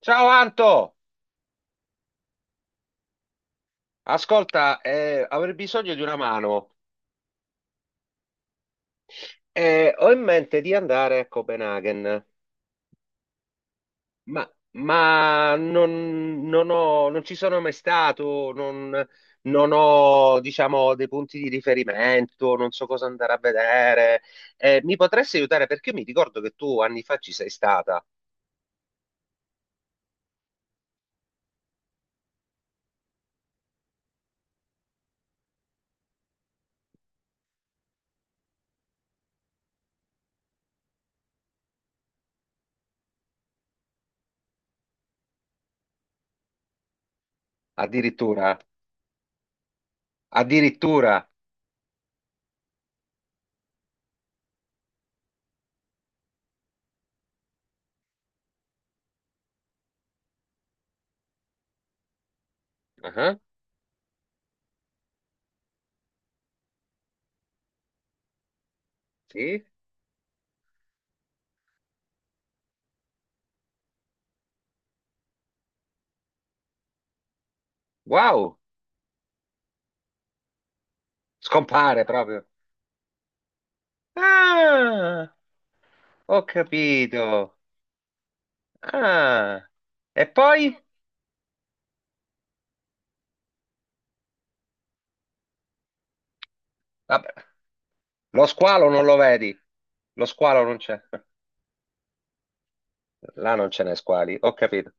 Ciao Anto, ascolta, avrei bisogno di una mano. Ho in mente di andare a Copenaghen, ma non ci sono mai stato, non ho, diciamo, dei punti di riferimento, non so cosa andare a vedere. Mi potresti aiutare? Perché io mi ricordo che tu anni fa ci sei stata. Addirittura. Addirittura. Ah, sì? Wow, scompare proprio. Ah, ho capito. Ah, e poi? Vabbè, lo squalo non lo vedi? Lo squalo non c'è. Là non ce n'è squali, ho capito.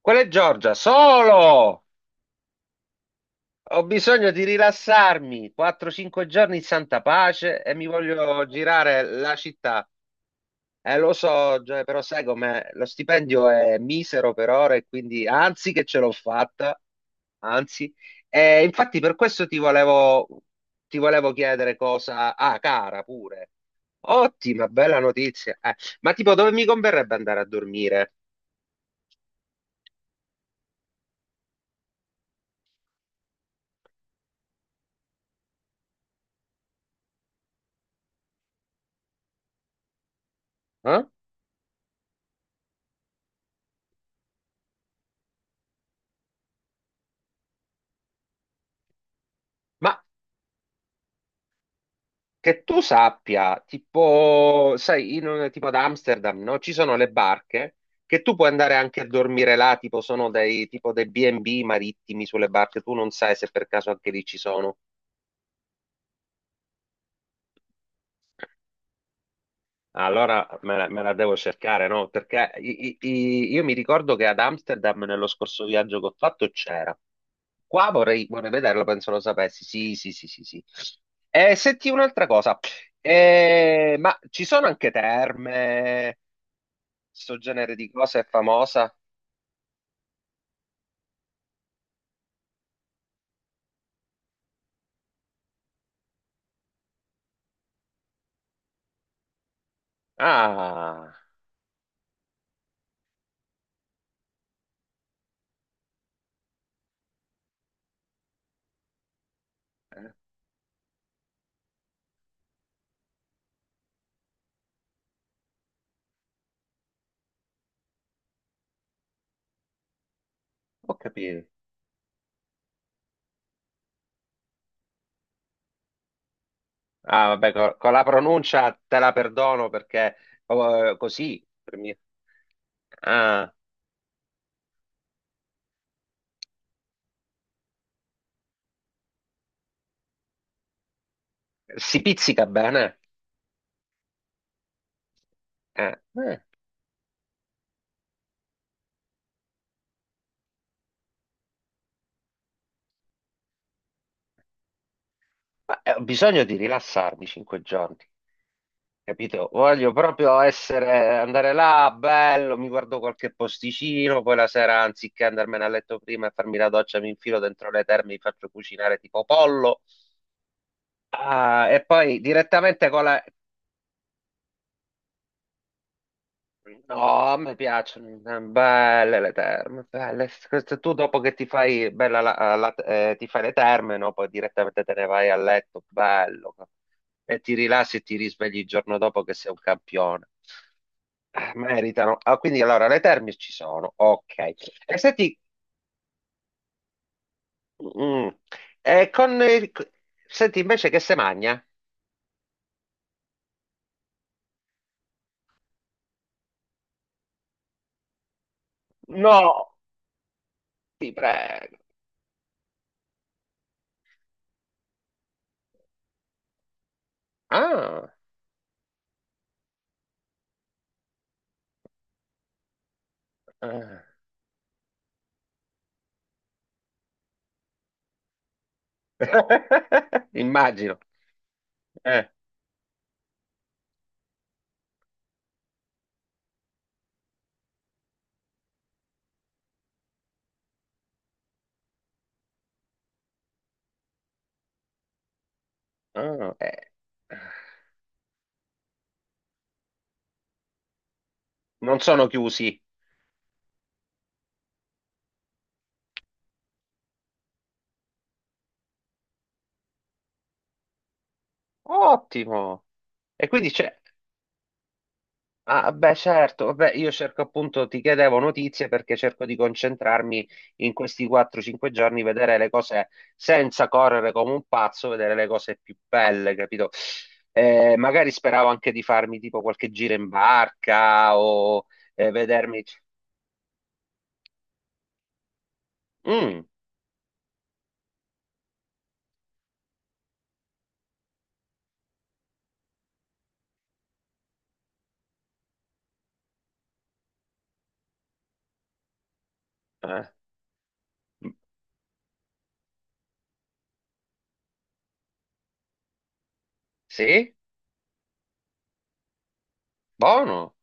Quella è Giorgia, solo! Ho bisogno di rilassarmi. 4-5 giorni in santa pace e mi voglio girare la città. Lo so, Gioia, però sai com'è? Lo stipendio è misero per ora e quindi anzi che ce l'ho fatta, anzi. E infatti per questo ti volevo chiedere cosa. Ah, cara, pure. Ottima, bella notizia. Ma tipo, dove mi converrebbe andare a dormire? Eh? Ma che tu sappia, tipo, sai, tipo ad Amsterdam, no? Ci sono le barche che tu puoi andare anche a dormire là, tipo sono dei tipo dei B&B marittimi sulle barche, tu non sai se per caso anche lì ci sono. Allora me la devo cercare, no? Perché io mi ricordo che ad Amsterdam nello scorso viaggio che ho fatto c'era. Qua vorrei vederlo, penso lo sapessi. Sì, sì, sì, sì, sì. E senti un'altra cosa. Ma ci sono anche terme, sto genere di cose è famosa? Ah, ho capito. Ah, vabbè, con la pronuncia te la perdono perché così. Ah, si pizzica bene. Eh. Ma, ho bisogno di rilassarmi 5 giorni, capito? Voglio proprio essere, andare là, bello, mi guardo qualche posticino, poi la sera, anziché andarmene a letto prima e farmi la doccia, mi infilo dentro le terme, mi faccio cucinare tipo pollo. Ah, e poi direttamente con la. No, mi piacciono, belle le terme, belle. Questo Tu dopo che ti fai, bella, ti fai le terme, no? Poi direttamente te ne vai a letto, bello. E ti rilassi e ti risvegli il giorno dopo che sei un campione. Meritano. Ah, quindi allora le terme ci sono, ok. E senti, mm, e con il- senti invece che se magna? No, ti prego. Ah, ah. Immagino. Eh. Ah, eh. Non sono chiusi. Ottimo. E quindi c'è. Ah, beh, certo. Vabbè, io cerco appunto, ti chiedevo notizie perché cerco di concentrarmi in questi 4-5 giorni, vedere le cose senza correre come un pazzo, vedere le cose più belle, capito? Magari speravo anche di farmi tipo qualche giro in barca o vedermi. Mm, eh, sì? Buono.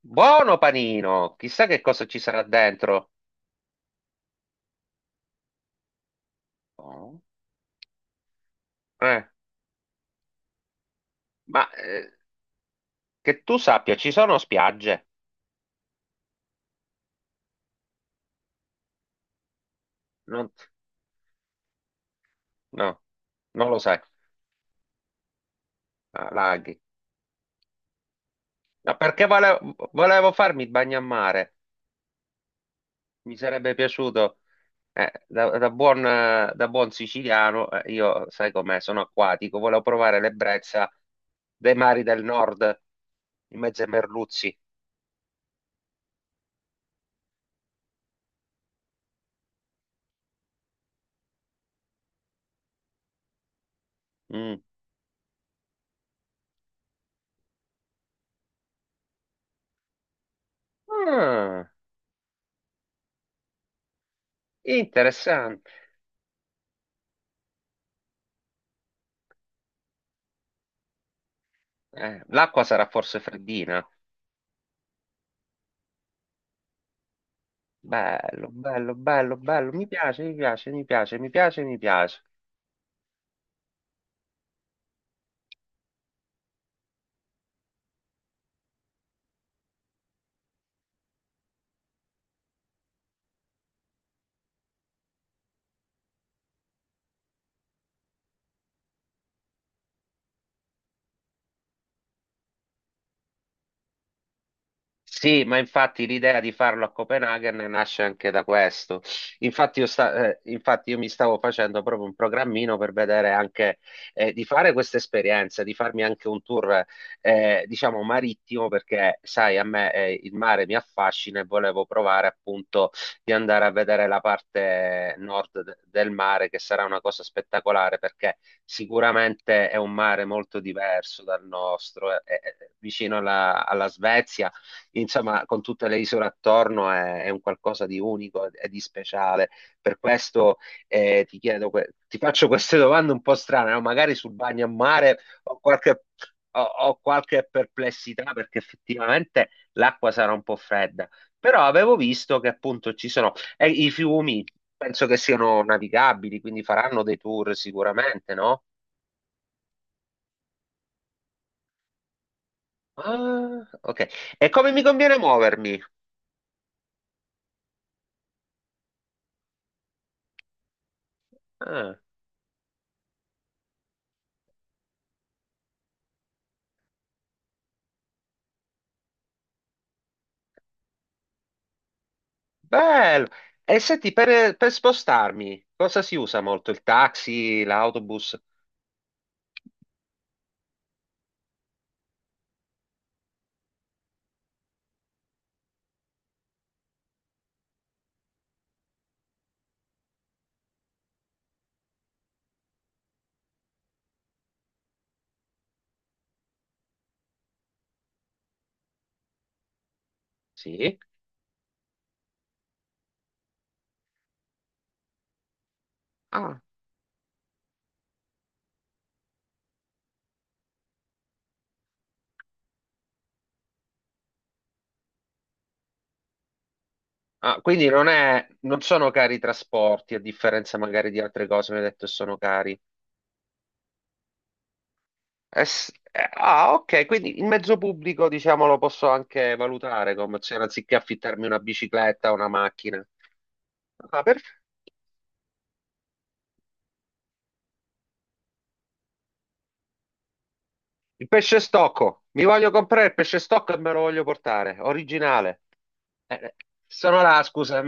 Buono panino. Chissà che cosa ci sarà dentro. Oh. Eh, ma che tu sappia, ci sono spiagge? Non- no, non lo sai. Ah, laghi. No, perché volevo farmi il bagnamare, mi sarebbe piaciuto, da buon siciliano, io sai com'è, sono acquatico, volevo provare l'ebbrezza dei mari del nord, in mezzo ai merluzzi. Mm. Ah, interessante. L'acqua sarà forse freddina? Bello, bello, bello, bello, mi piace, mi piace, mi piace, mi piace, mi piace. Sì, ma infatti l'idea di farlo a Copenaghen nasce anche da questo. Infatti io mi stavo facendo proprio un programmino per vedere anche di fare questa esperienza, di farmi anche un tour, diciamo, marittimo, perché sai, a me il mare mi affascina e volevo provare appunto di andare a vedere la parte nord del mare, che sarà una cosa spettacolare, perché sicuramente è un mare molto diverso dal nostro, è vicino alla Svezia insomma, con tutte le isole attorno è un qualcosa di unico e di speciale. Per questo ti chiedo, ti faccio queste domande un po' strane, no? Magari sul bagno a mare ho qualche perplessità perché effettivamente l'acqua sarà un po' fredda, però avevo visto che appunto ci sono e i fiumi, penso che siano navigabili, quindi faranno dei tour sicuramente, no? Ah, ok. E come mi conviene muovermi? Ah. Bello. E senti, per spostarmi, cosa si usa molto? Il taxi, l'autobus? Sì? Ah. Ah, quindi non sono cari i trasporti, a differenza magari di altre cose, mi hai detto che sono cari. Ah, ok, quindi il mezzo pubblico, diciamo, lo posso anche valutare come opzione, anziché affittarmi una bicicletta o una macchina. Ah. Il pesce stocco. Mi voglio comprare il pesce stocco e me lo voglio portare. Originale. Eh, eh, Sono là, scusa.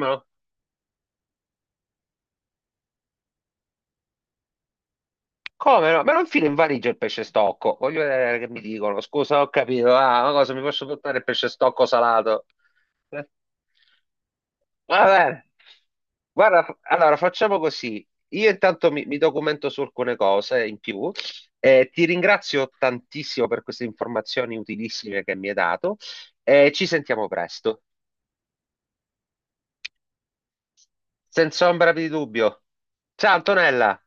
Come no? Me lo infilo in valigia il pesce stocco. Voglio vedere che mi dicono. Scusa, ho capito. Ah, ma cosa mi posso portare il pesce stocco salato? Eh, Va bene. Guarda, allora facciamo così. Io intanto mi documento su alcune cose in più. Ti ringrazio tantissimo per queste informazioni utilissime che mi hai dato e ci sentiamo presto. Senza ombra di dubbio. Ciao Antonella!